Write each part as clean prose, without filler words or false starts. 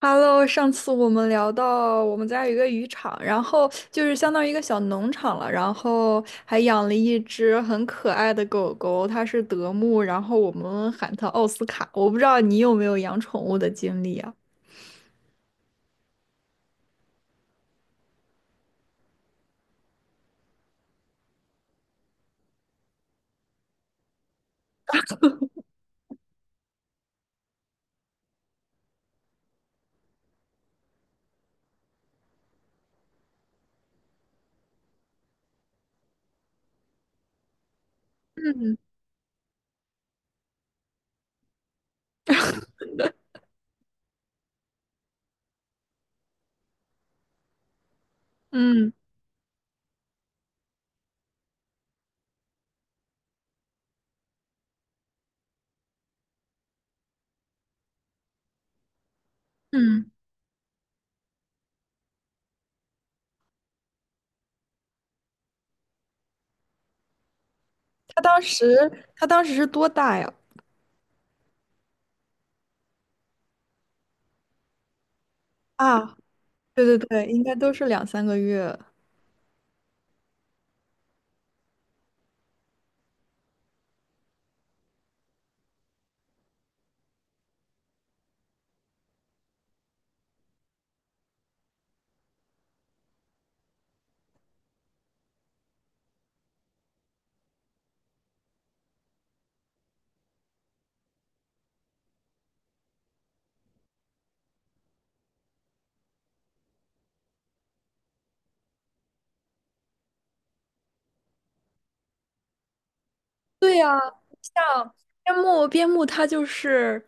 Hello，上次我们聊到我们家有一个渔场，然后就是相当于一个小农场了，然后还养了一只很可爱的狗狗，它是德牧，然后我们喊它奥斯卡。我不知道你有没有养宠物的经历啊？嗯嗯嗯，它当时它当时是多大呀？啊，对对对，应该都是两三个月。对呀，边牧它就是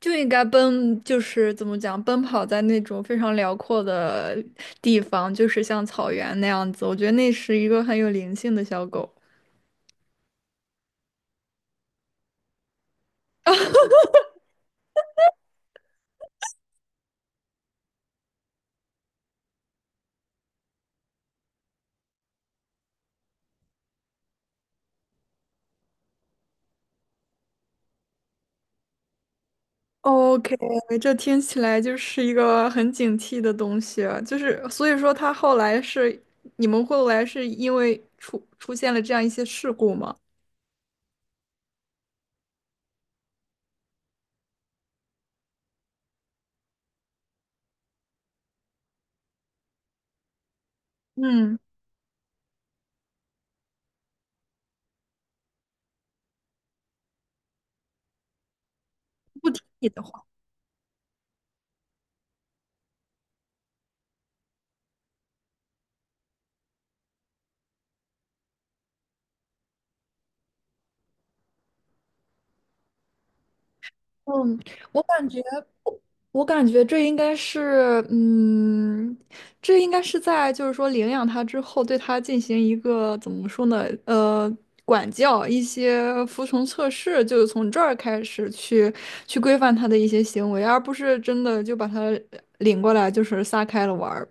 就应该奔，就是怎么讲，奔跑在那种非常辽阔的地方，就是像草原那样子。我觉得那是一个很有灵性的小狗。OK，这听起来就是一个很警惕的东西啊。就是所以说，它后来是你们后来是因为出现了这样一些事故吗？嗯，不听你的话。嗯，我感觉，我感觉这应该是在就是说领养它之后，对它进行一个怎么说呢？管教一些服从测试，就是从这儿开始去规范它的一些行为，而不是真的就把它领过来就是撒开了玩儿。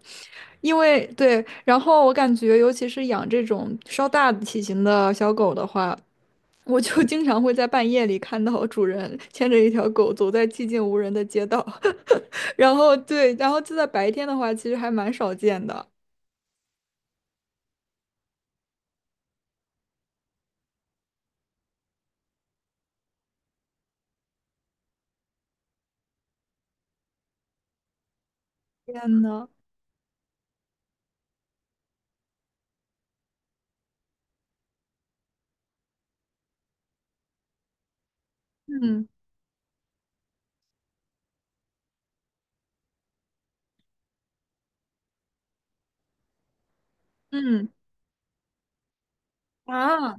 因为对，然后我感觉，尤其是养这种稍大体型的小狗的话。我就经常会在半夜里看到主人牵着一条狗走在寂静无人的街道，然后对，然后就在白天的话，其实还蛮少见的。天呐，嗯嗯啊，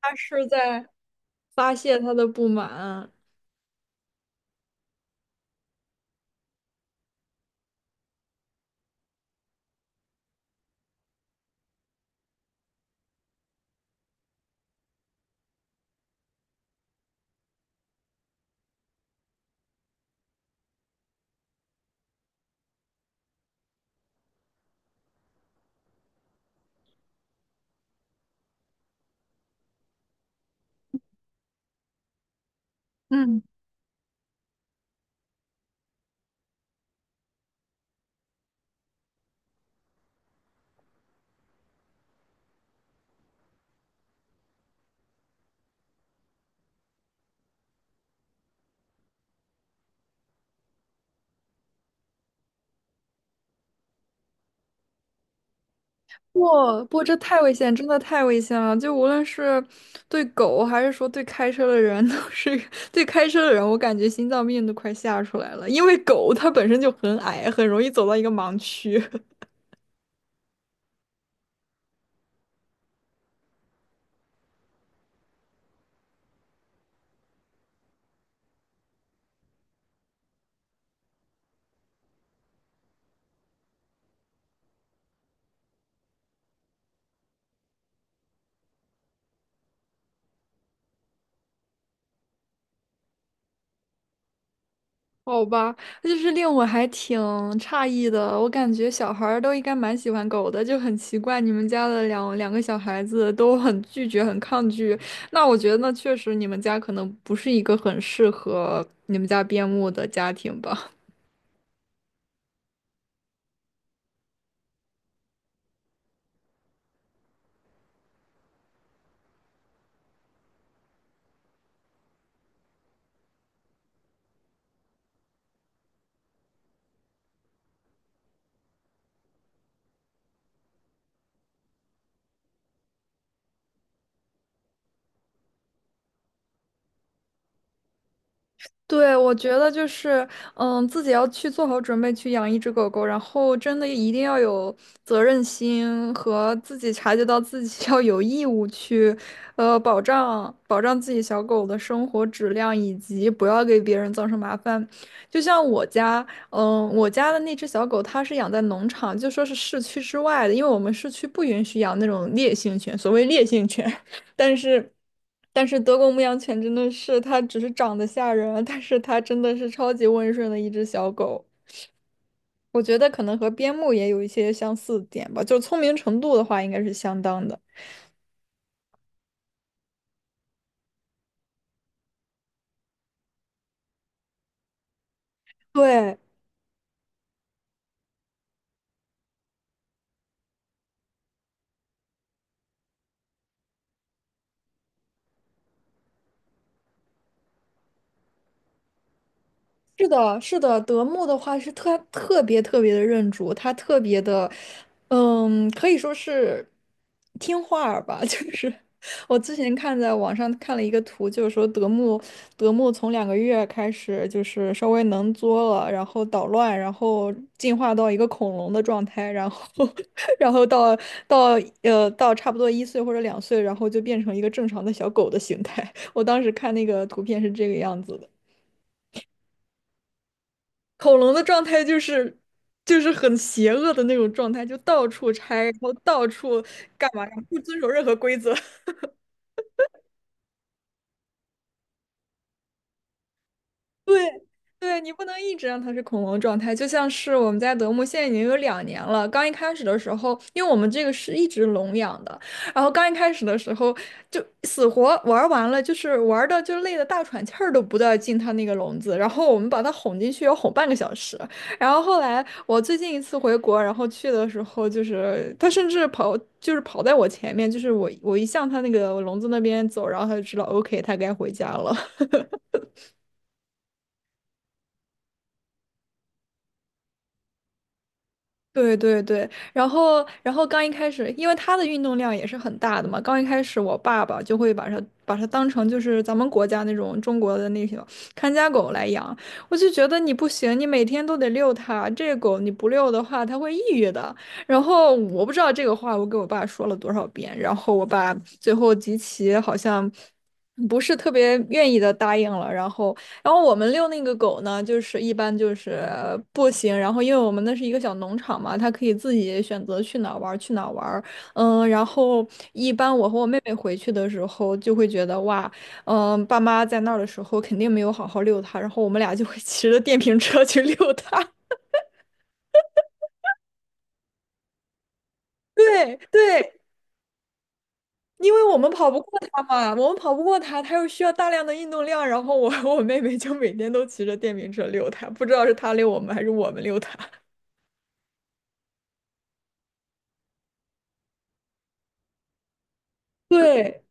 他是在发泄他的不满。嗯，不不，这太危险，真的太危险了。就无论是对狗，还是说对开车的人，都是 对开车的人，我感觉心脏病都快吓出来了，因为狗它本身就很矮，很容易走到一个盲区。好吧，就是令我还挺诧异的。我感觉小孩儿都应该蛮喜欢狗的，就很奇怪，你们家的两个小孩子都很拒绝、很抗拒。那我觉得那确实你们家可能不是一个很适合你们家边牧的家庭吧。对，我觉得就是，自己要去做好准备去养一只狗狗，然后真的一定要有责任心和自己察觉到自己 要有义务去，保障保障自己小狗的生活质量，以及不要给别人造成麻烦。就像我家，我家的那只小狗，它是养在农场，就说是市区之外的，因为我们市区不允许养那种烈性犬，所谓烈性犬。但是，但是，德国牧羊犬真的是，它只是长得吓人啊，但是它真的是超级温顺的一只小狗。我觉得可能和边牧也有一些相似点吧，就聪明程度的话，应该是相当的。对，是的，是的，德牧的话是特别特别的认主，它特别的，可以说是听话儿吧。就是我之前看在网上看了一个图，就是说德牧从2个月开始就是稍微能作了，然后捣乱，然后进化到一个恐龙的状态，然后 然后到到差不多1岁或者2岁，然后就变成一个正常的小狗的形态。我当时看那个图片是这个样子的。恐龙的状态就是很邪恶的那种状态，就到处拆，然后到处干嘛，不遵守任何规则。对，对你不能一直让它是恐龙状态，就像是我们家德牧现在已经有2年了。刚一开始的时候，因为我们这个是一直笼养的，然后刚一开始的时候就死活玩儿完了，就是玩的就累得大喘气儿都不带进它那个笼子，然后我们把它哄进去要哄半个小时。然后后来我最近一次回国，然后去的时候就是它甚至跑就是跑在我前面，就是我一向它那个笼子那边走，然后它就知道 OK 它该回家了。对对对，然后刚一开始，因为他的运动量也是很大的嘛，刚一开始我爸爸就会把它当成就是咱们国家那种中国的那种看家狗来养，我就觉得你不行，你每天都得遛它，这个狗你不遛的话，它会抑郁的。然后我不知道这个话我给我爸说了多少遍，然后我爸最后极其好像不是特别愿意的答应了，然后然后我们遛那个狗呢，就是一般就是步行，然后因为我们那是一个小农场嘛，它可以自己选择去哪儿玩儿去哪儿玩儿然后一般我和我妹妹回去的时候就会觉得哇，爸妈在那儿的时候肯定没有好好遛它，然后我们俩就会 骑着电瓶车去遛它。对对，因为我们跑不过它嘛，我们跑不过它，它又需要大量的运动量，然后我和我妹妹就每天都骑着电瓶车遛它，不知道是它遛我们还是我们遛它。对，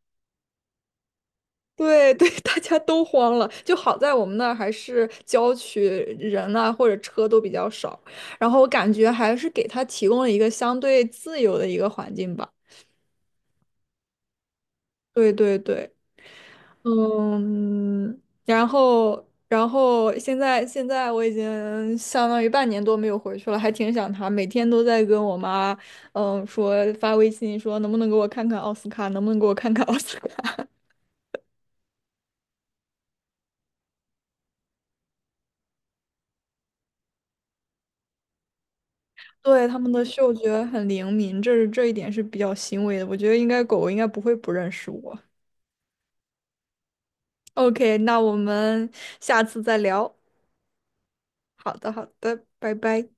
对对，大家都慌了。就好在我们那儿还是郊区，人啊或者车都比较少，然后我感觉还是给他提供了一个相对自由的一个环境吧。对对对，嗯，然后现在我已经相当于半年多没有回去了，还挺想他，每天都在跟我妈，说发微信说能不能给我看看奥斯卡，能不能给我看看奥斯卡。对，它们的嗅觉很灵敏，这一点是比较欣慰的。我觉得应该狗狗应该不会不认识我。OK，那我们下次再聊。好的，好的，拜拜。